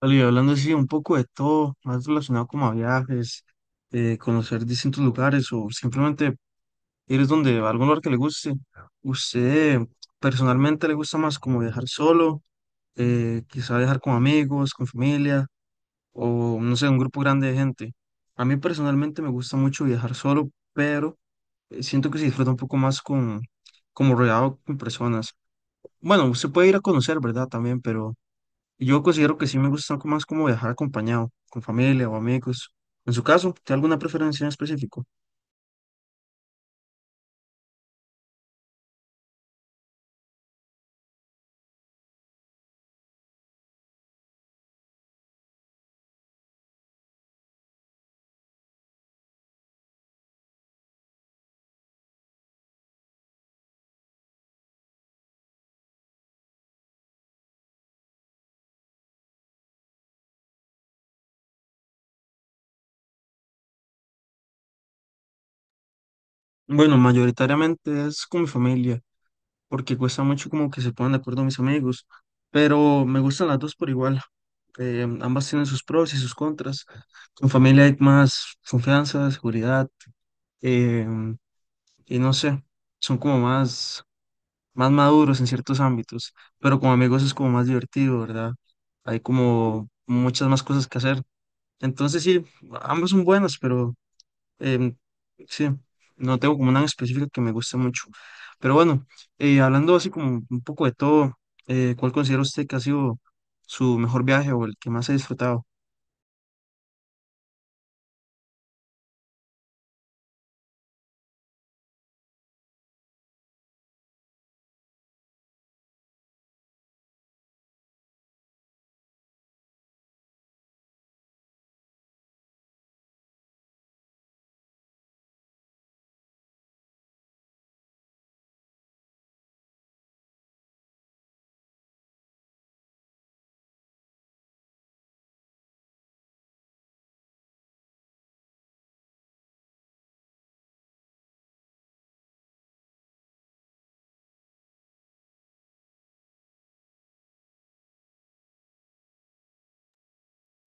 Vale, y hablando así un poco de todo, más relacionado como a viajes, conocer distintos lugares o simplemente ir donde a algún lugar que le guste. ¿Usted personalmente le gusta más como viajar solo, quizá viajar con amigos, con familia o no sé, un grupo grande de gente? A mí personalmente me gusta mucho viajar solo, pero siento que se disfruta un poco más con, como rodeado con personas. Bueno, usted puede ir a conocer, ¿verdad? También, pero... Yo considero que sí me gusta como- más como viajar acompañado, con familia o amigos. En su caso, ¿tiene alguna preferencia en específico? Bueno, mayoritariamente es con mi familia, porque cuesta mucho como que se pongan de acuerdo mis amigos, pero me gustan las dos por igual. Ambas tienen sus pros y sus contras. Con familia hay más confianza, seguridad, eh, y no sé, son como más, más maduros en ciertos ámbitos, pero con amigos es como más divertido, ¿verdad? Hay como muchas más cosas que hacer. Entonces sí, ambos son buenos, pero em, sí, no tengo como una en específico que me guste mucho. Pero bueno, hablando así como un poco de todo, ¿cuál considera usted que ha sido su mejor viaje o el que más ha disfrutado?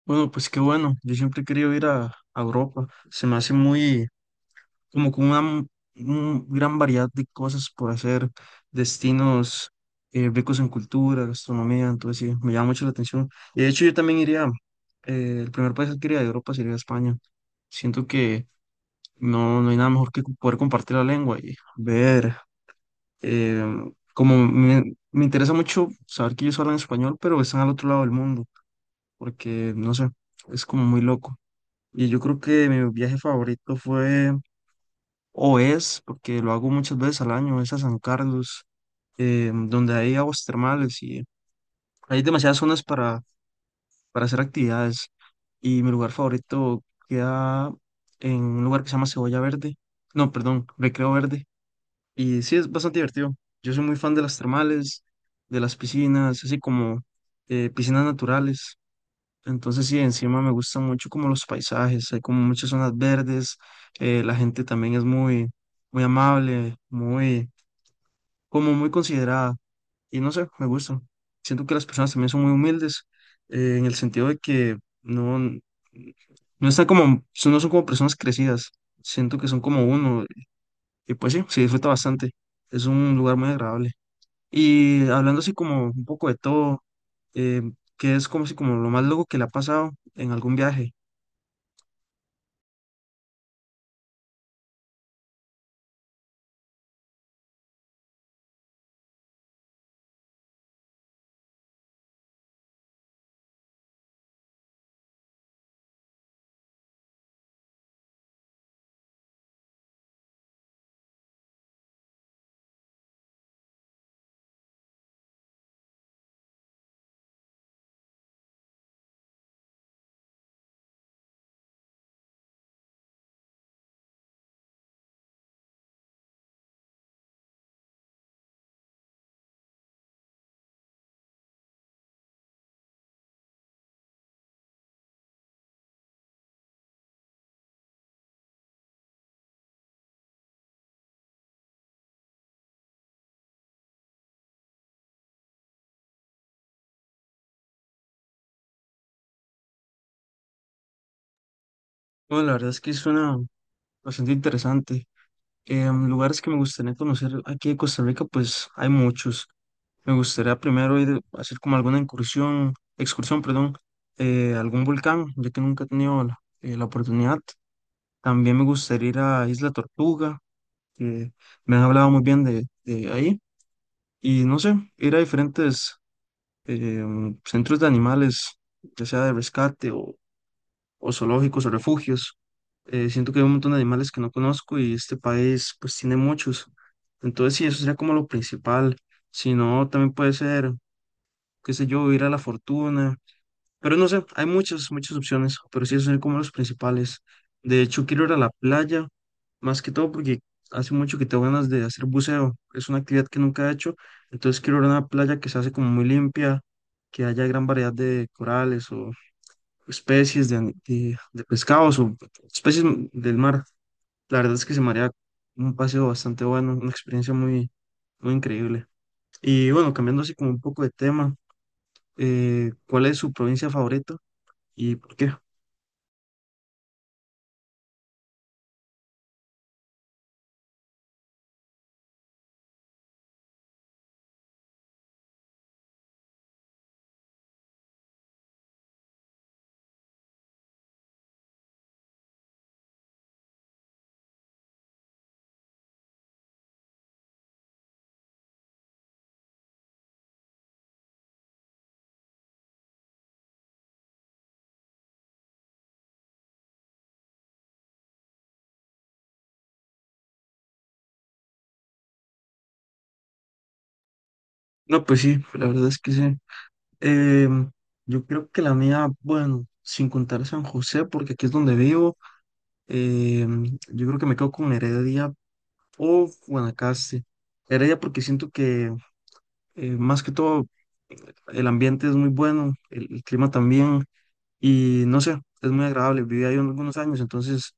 Bueno, pues qué bueno, yo siempre he querido ir a Europa, se me hace muy, como con una m- un gran variedad de cosas por hacer, destinos ricos en cultura, gastronomía, entonces sí, me llama mucho la atención. Y de hecho yo también iría, el primer país que iría de Europa sería España. Siento que no, no hay nada mejor que cu- poder compartir la lengua y ver, eh, como me interesa mucho saber que ellos hablan español, pero están al otro lado del mundo, porque no sé, es como muy loco. Y yo creo que mi viaje favorito fue o es, porque lo hago muchas veces al año, es a San Carlos, donde hay aguas termales y hay demasiadas zonas para hacer actividades. Y mi lugar favorito queda en un lugar que se llama Cebolla Verde, no, perdón, Recreo Verde. Y sí, es bastante divertido. Yo soy muy fan de las termales, de las piscinas, así como piscinas naturales. Entonces sí, encima me gustan mucho como los paisajes, hay como muchas zonas verdes, la gente también es muy, muy amable, muy como muy considerada y no sé, me gusta. Siento que las personas también son muy humildes en el sentido de que no, no están como, son- no son como personas crecidas, siento que son como uno y pues sí, se disfruta bastante, es un lugar muy agradable. Y hablando así como un poco de todo, eh, que es como si como lo más loco que le ha pasado en algún viaje. Bueno, la verdad es que suena bastante interesante. Lugares que me gustaría conocer aquí en Costa Rica, pues hay muchos. Me gustaría primero ir a hacer como alguna incursión, excursión, perdón, a algún volcán, ya que nunca he tenido la, la oportunidad. También me gustaría ir a Isla Tortuga, que me han hablado muy bien de ahí. Y no sé, ir a diferentes eh, centros de animales, ya sea de rescate o zoológicos o refugios. Siento que hay un montón de animales que no conozco y este país pues tiene muchos. Entonces sí, eso sería como lo principal. Si no, también puede ser qué sé yo, ir a la fortuna, pero no sé, hay muchas opciones, pero sí, esos son como los principales. De hecho, quiero ir a la playa, más que todo porque hace mucho que tengo ganas de hacer buceo, es una actividad que nunca he hecho, entonces quiero ir a una playa que se hace como muy limpia, que haya gran variedad de corales o especies de, ani- de pescados o especies del mar. La verdad es que se me haría un paseo bastante bueno, una experiencia muy, muy increíble. Y bueno, cambiando así como un poco de tema ¿cuál es su provincia favorita y por qué? No, pues sí, la verdad es que sí. Em, yo creo que la mía, bueno, sin contar San José, porque aquí es donde vivo, yo creo que me quedo con Heredia o Guanacaste. Heredia porque siento que más que todo el ambiente es muy bueno, el clima también, y no sé, es muy agradable. Viví ahí algunos años, entonces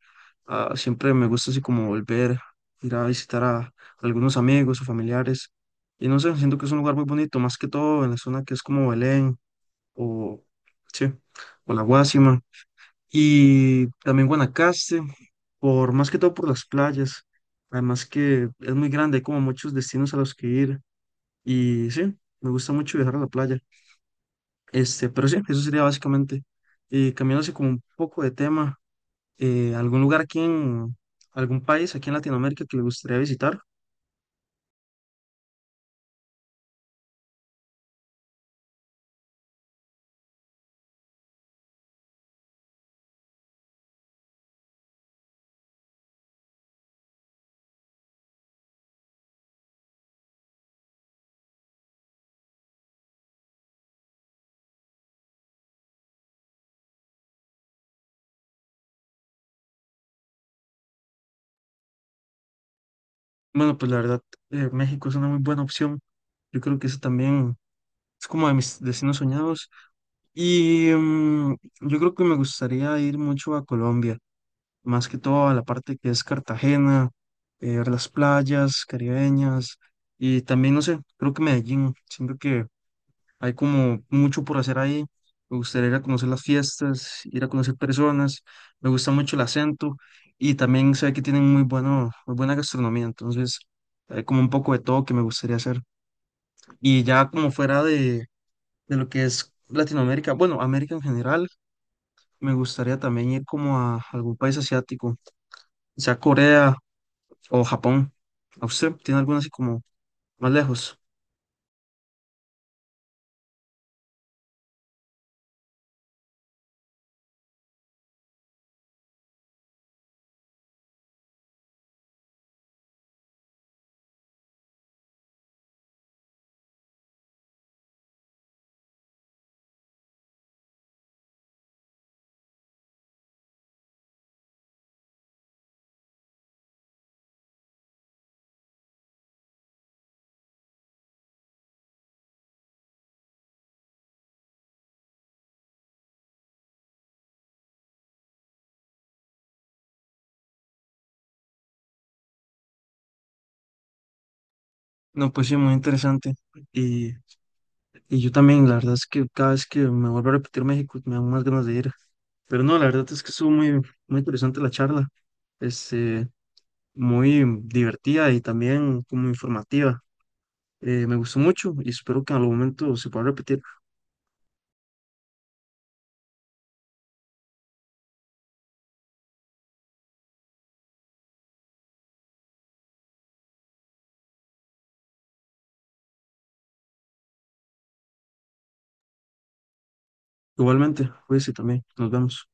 siempre me gusta así como volver, ir a visitar a algunos amigos o familiares. Y no sé, siento que es un lugar muy bonito, más que todo en la zona que es como Belén o, sí, o La Guásima. Y también Guanacaste, por, más que todo por las playas. Además que es muy grande, hay como muchos destinos a los que ir. Y sí, me gusta mucho viajar a la playa. Este, pero sí, eso sería básicamente. Y cambiándose como un poco de tema, eh, ¿algún lugar aquí en algún país aquí en Latinoamérica que le gustaría visitar? Bueno, pues la verdad, México es una muy buena opción. Yo creo que eso también es como de mis destinos soñados. Y yo creo que me gustaría ir mucho a Colombia, más que todo a la parte que es Cartagena, ver las playas caribeñas y también, no sé, creo que Medellín. Siento que hay como mucho por hacer ahí. Me gustaría ir a conocer las fiestas, ir a conocer personas. Me gusta mucho el acento y también sé que tienen muy bueno, muy buena gastronomía. Entonces, hay como un poco de todo que me gustaría hacer. Y ya como fuera de lo que es Latinoamérica, bueno, América en general, me gustaría también ir como a algún país asiático, sea Corea o Japón. ¿A usted tiene alguna así como más lejos? No, pues sí, muy interesante. y Y yo también, la verdad es que cada vez que me vuelvo a repetir México me dan más ganas de ir. Pero no, la verdad es que estuvo muy, muy interesante la charla, este, muy divertida y también como informativa. Me gustó mucho y espero que en algún momento se pueda repetir. Igualmente, cuídense también, nos vemos.